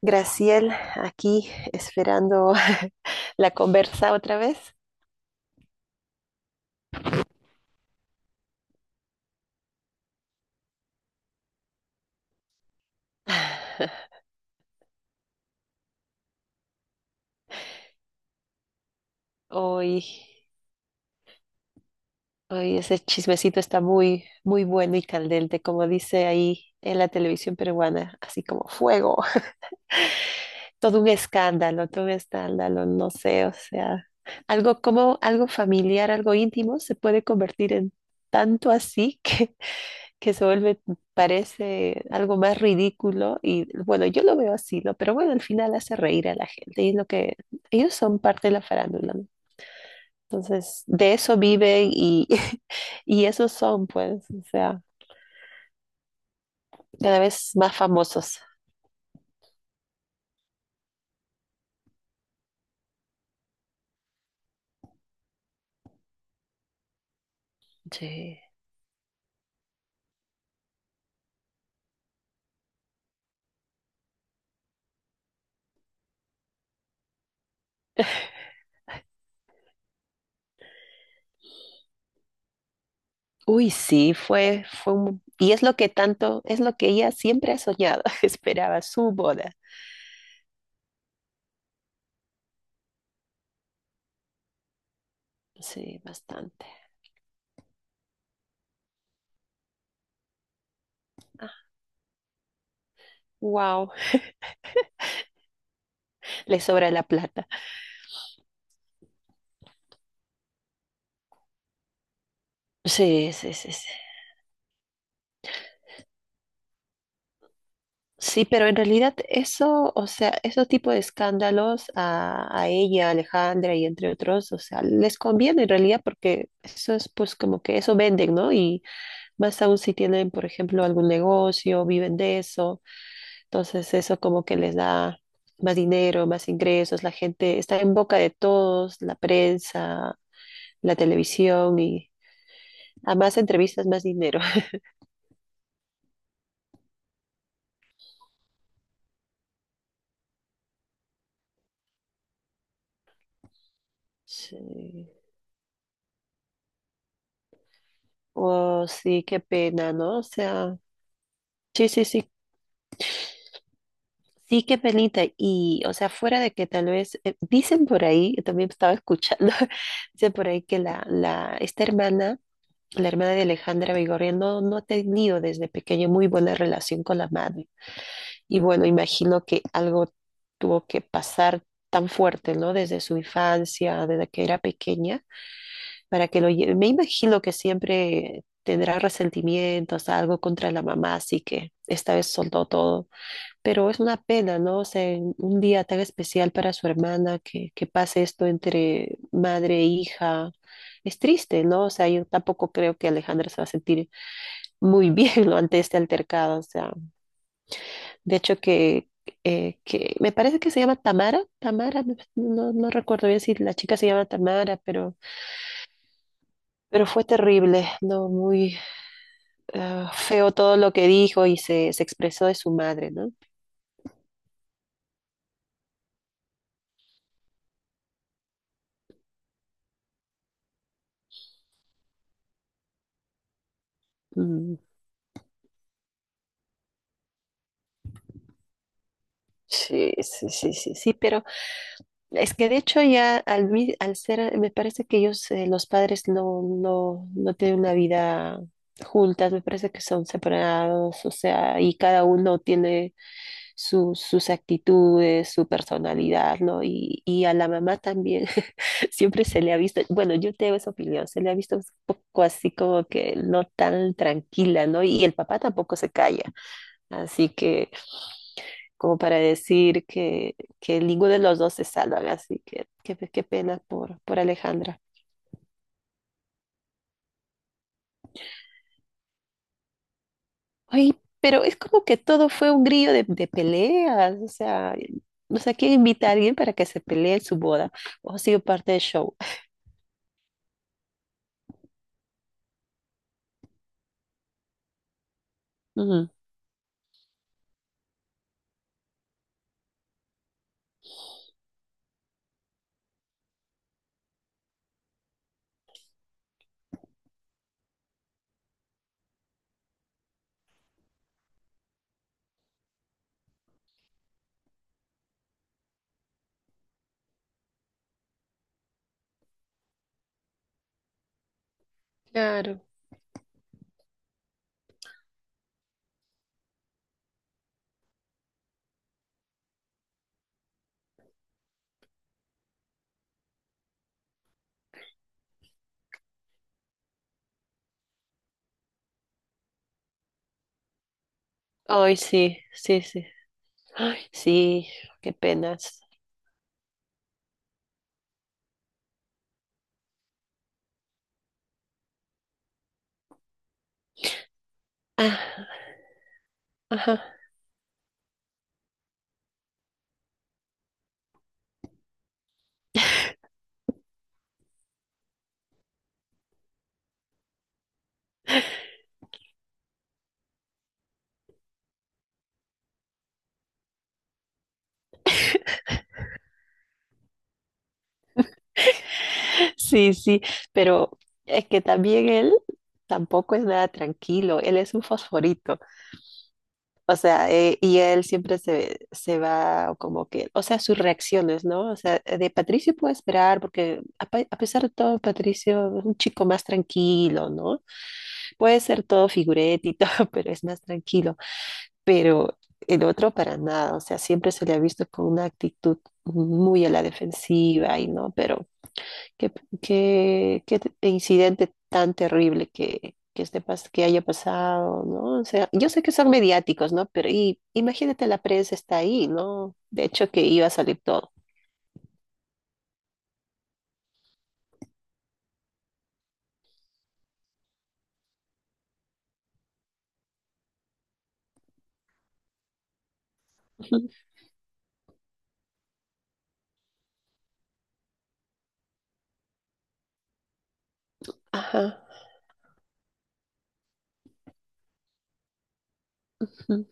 Graciel, aquí esperando la conversa otra vez. Hoy, hoy ese chismecito está muy, muy bueno y candente, como dice ahí en la televisión peruana, así como fuego. Todo un escándalo, no sé, o sea, algo como algo familiar, algo íntimo se puede convertir en tanto así que se vuelve, parece algo más ridículo y bueno, yo lo veo así, ¿no? Pero bueno, al final hace reír a la gente y es lo que ellos son parte de la farándula, ¿no? Entonces, de eso viven y, y esos son, pues, o sea, cada vez más famosos. Sí. Uy, sí, fue, y es lo que tanto, es lo que ella siempre ha soñado, esperaba su boda. Sí, bastante. Wow, le sobra la plata. Sí, sí, sí, sí. Sí, pero en realidad eso, o sea, esos tipos de escándalos a ella, a Alejandra y entre otros, o sea, les conviene en realidad porque eso es pues como que eso venden, ¿no? Y más aún si tienen, por ejemplo, algún negocio, viven de eso, entonces eso como que les da más dinero, más ingresos, la gente está en boca de todos, la prensa, la televisión y a más entrevistas, más dinero. Sí. Oh, sí, qué pena, ¿no? O sea... Sí, sí, sí, sí, qué penita. Y, o sea, fuera de que tal vez, dicen por ahí, yo también estaba escuchando, dicen por ahí que esta hermana, la hermana de Alejandra Vigorria, no, no ha tenido desde pequeña muy buena relación con la madre. Y bueno, imagino que algo tuvo que pasar tan fuerte, ¿no? Desde su infancia, desde que era pequeña, para que lo lleve. Me imagino que siempre tendrá resentimientos, algo contra la mamá, así que esta vez soltó todo. Pero es una pena, ¿no? O sea, en un día tan especial para su hermana que pase esto entre madre e hija. Es triste, ¿no? O sea, yo tampoco creo que Alejandra se va a sentir muy bien, ¿no? Ante este altercado. O sea, de hecho que me parece que se llama Tamara. Tamara, no, no recuerdo bien si la chica se llama Tamara, pero fue terrible, ¿no? Muy ah, feo todo lo que dijo y se expresó de su madre, ¿no? Mm, sí, sí, sí, sí, sí, pero... Es que de hecho ya al, al ser, me parece que ellos, los padres no, no tienen una vida juntas, me parece que son separados, o sea, y cada uno tiene sus actitudes, su personalidad, ¿no? Y a la mamá también siempre se le ha visto, bueno, yo tengo esa opinión, se le ha visto un poco así como que no tan tranquila, ¿no? Y el papá tampoco se calla. Así que, como para decir que ninguno de los dos se salvan, así que qué pena por Alejandra. Ay, pero es como que todo fue un grillo de peleas, o sea, no sé, ¿quién invita a alguien para que se pelee en su boda? O ha sido parte del show. Ujú. Claro. Ay, sí, sí, sí. Ay, sí, qué penas. Ah, ajá. Sí, sí, pero es que también él tampoco es nada tranquilo, él es un fosforito. O sea, y él siempre se, se va como que, o sea, sus reacciones, ¿no? O sea, de Patricio puedo esperar porque a, a pesar de todo, Patricio es un chico más tranquilo, ¿no? Puede ser todo figurete y todo, pero es más tranquilo. Pero el otro para nada, o sea, siempre se le ha visto con una actitud muy a la defensiva y no, pero qué, qué, incidente tan terrible que, que haya pasado, ¿no? O sea, yo sé que son mediáticos, ¿no? Pero y, imagínate, la prensa está ahí, ¿no? De hecho, que iba a salir todo. Ujú. Ajá. Ujú.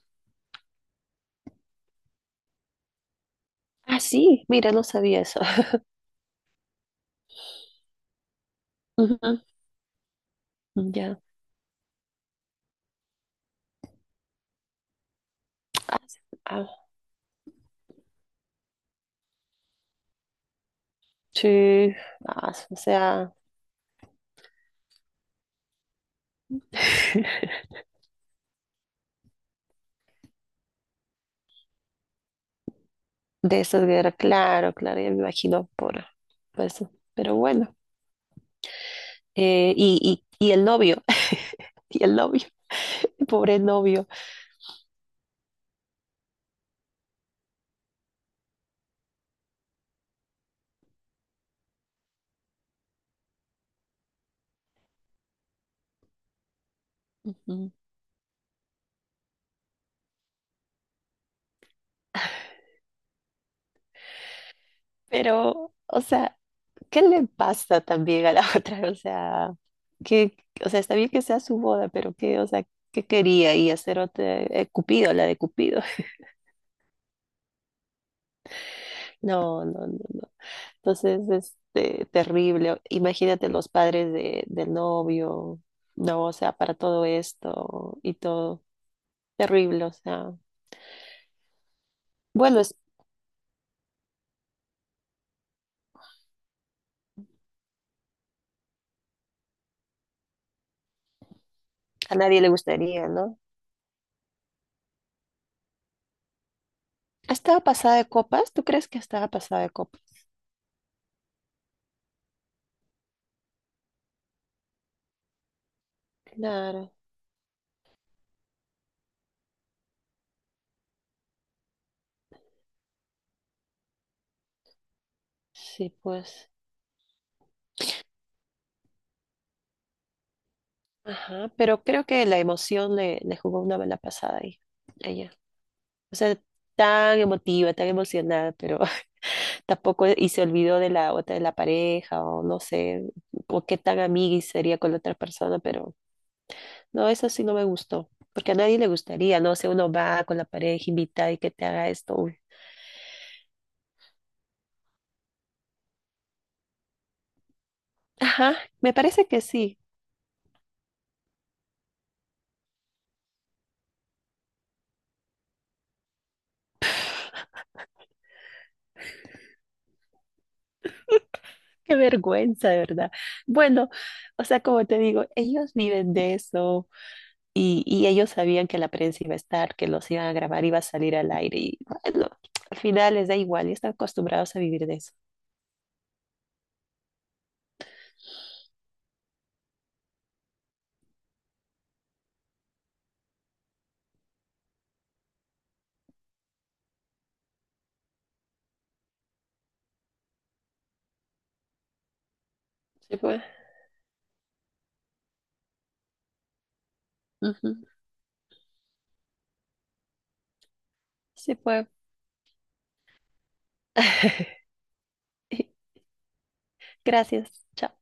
Ah, sí, mira, no sabía eso. Ujú, ya. Ah, s- ah, sí. Ah, s- o sea, de esas guerras, claro, claro, ya me imagino por eso. Pero bueno. Y, y el novio, y el novio, pobre novio. Ujú. Pero, o sea, ¿qué le pasa también a la otra? O sea, que, o sea, está bien que sea su boda, pero qué, o sea, ¿qué quería? Y hacer otra, Cupido, la de Cupido. No, no, no, no. Entonces, este, terrible. Imagínate los padres de, del novio, no, o sea, para todo esto y todo. Terrible, o sea. Bueno, es, a nadie le gustaría, ¿no? ¿Estaba pasada de copas? ¿Tú crees que estaba pasada de copas? Claro, sí, pues. Ajá, pero creo que la emoción le, le jugó una mala pasada ahí, a ella. O sea, tan emotiva, tan emocionada, pero tampoco y se olvidó de la otra, de la pareja, o no sé, o qué tan amiga y sería con la otra persona, pero no, eso sí no me gustó, porque a nadie le gustaría, no sé, uno va con la pareja invitada y que te haga esto. Uy. Ajá, me parece que sí. Qué vergüenza, de verdad. Bueno, o sea, como te digo, ellos viven de eso. Y ellos sabían que la prensa iba a estar, que los iban a grabar, iba a salir al aire. Y bueno, al final les da igual y están acostumbrados a vivir de eso. Sí, pues. Ujú. Sí, pues. Gracias. Chao.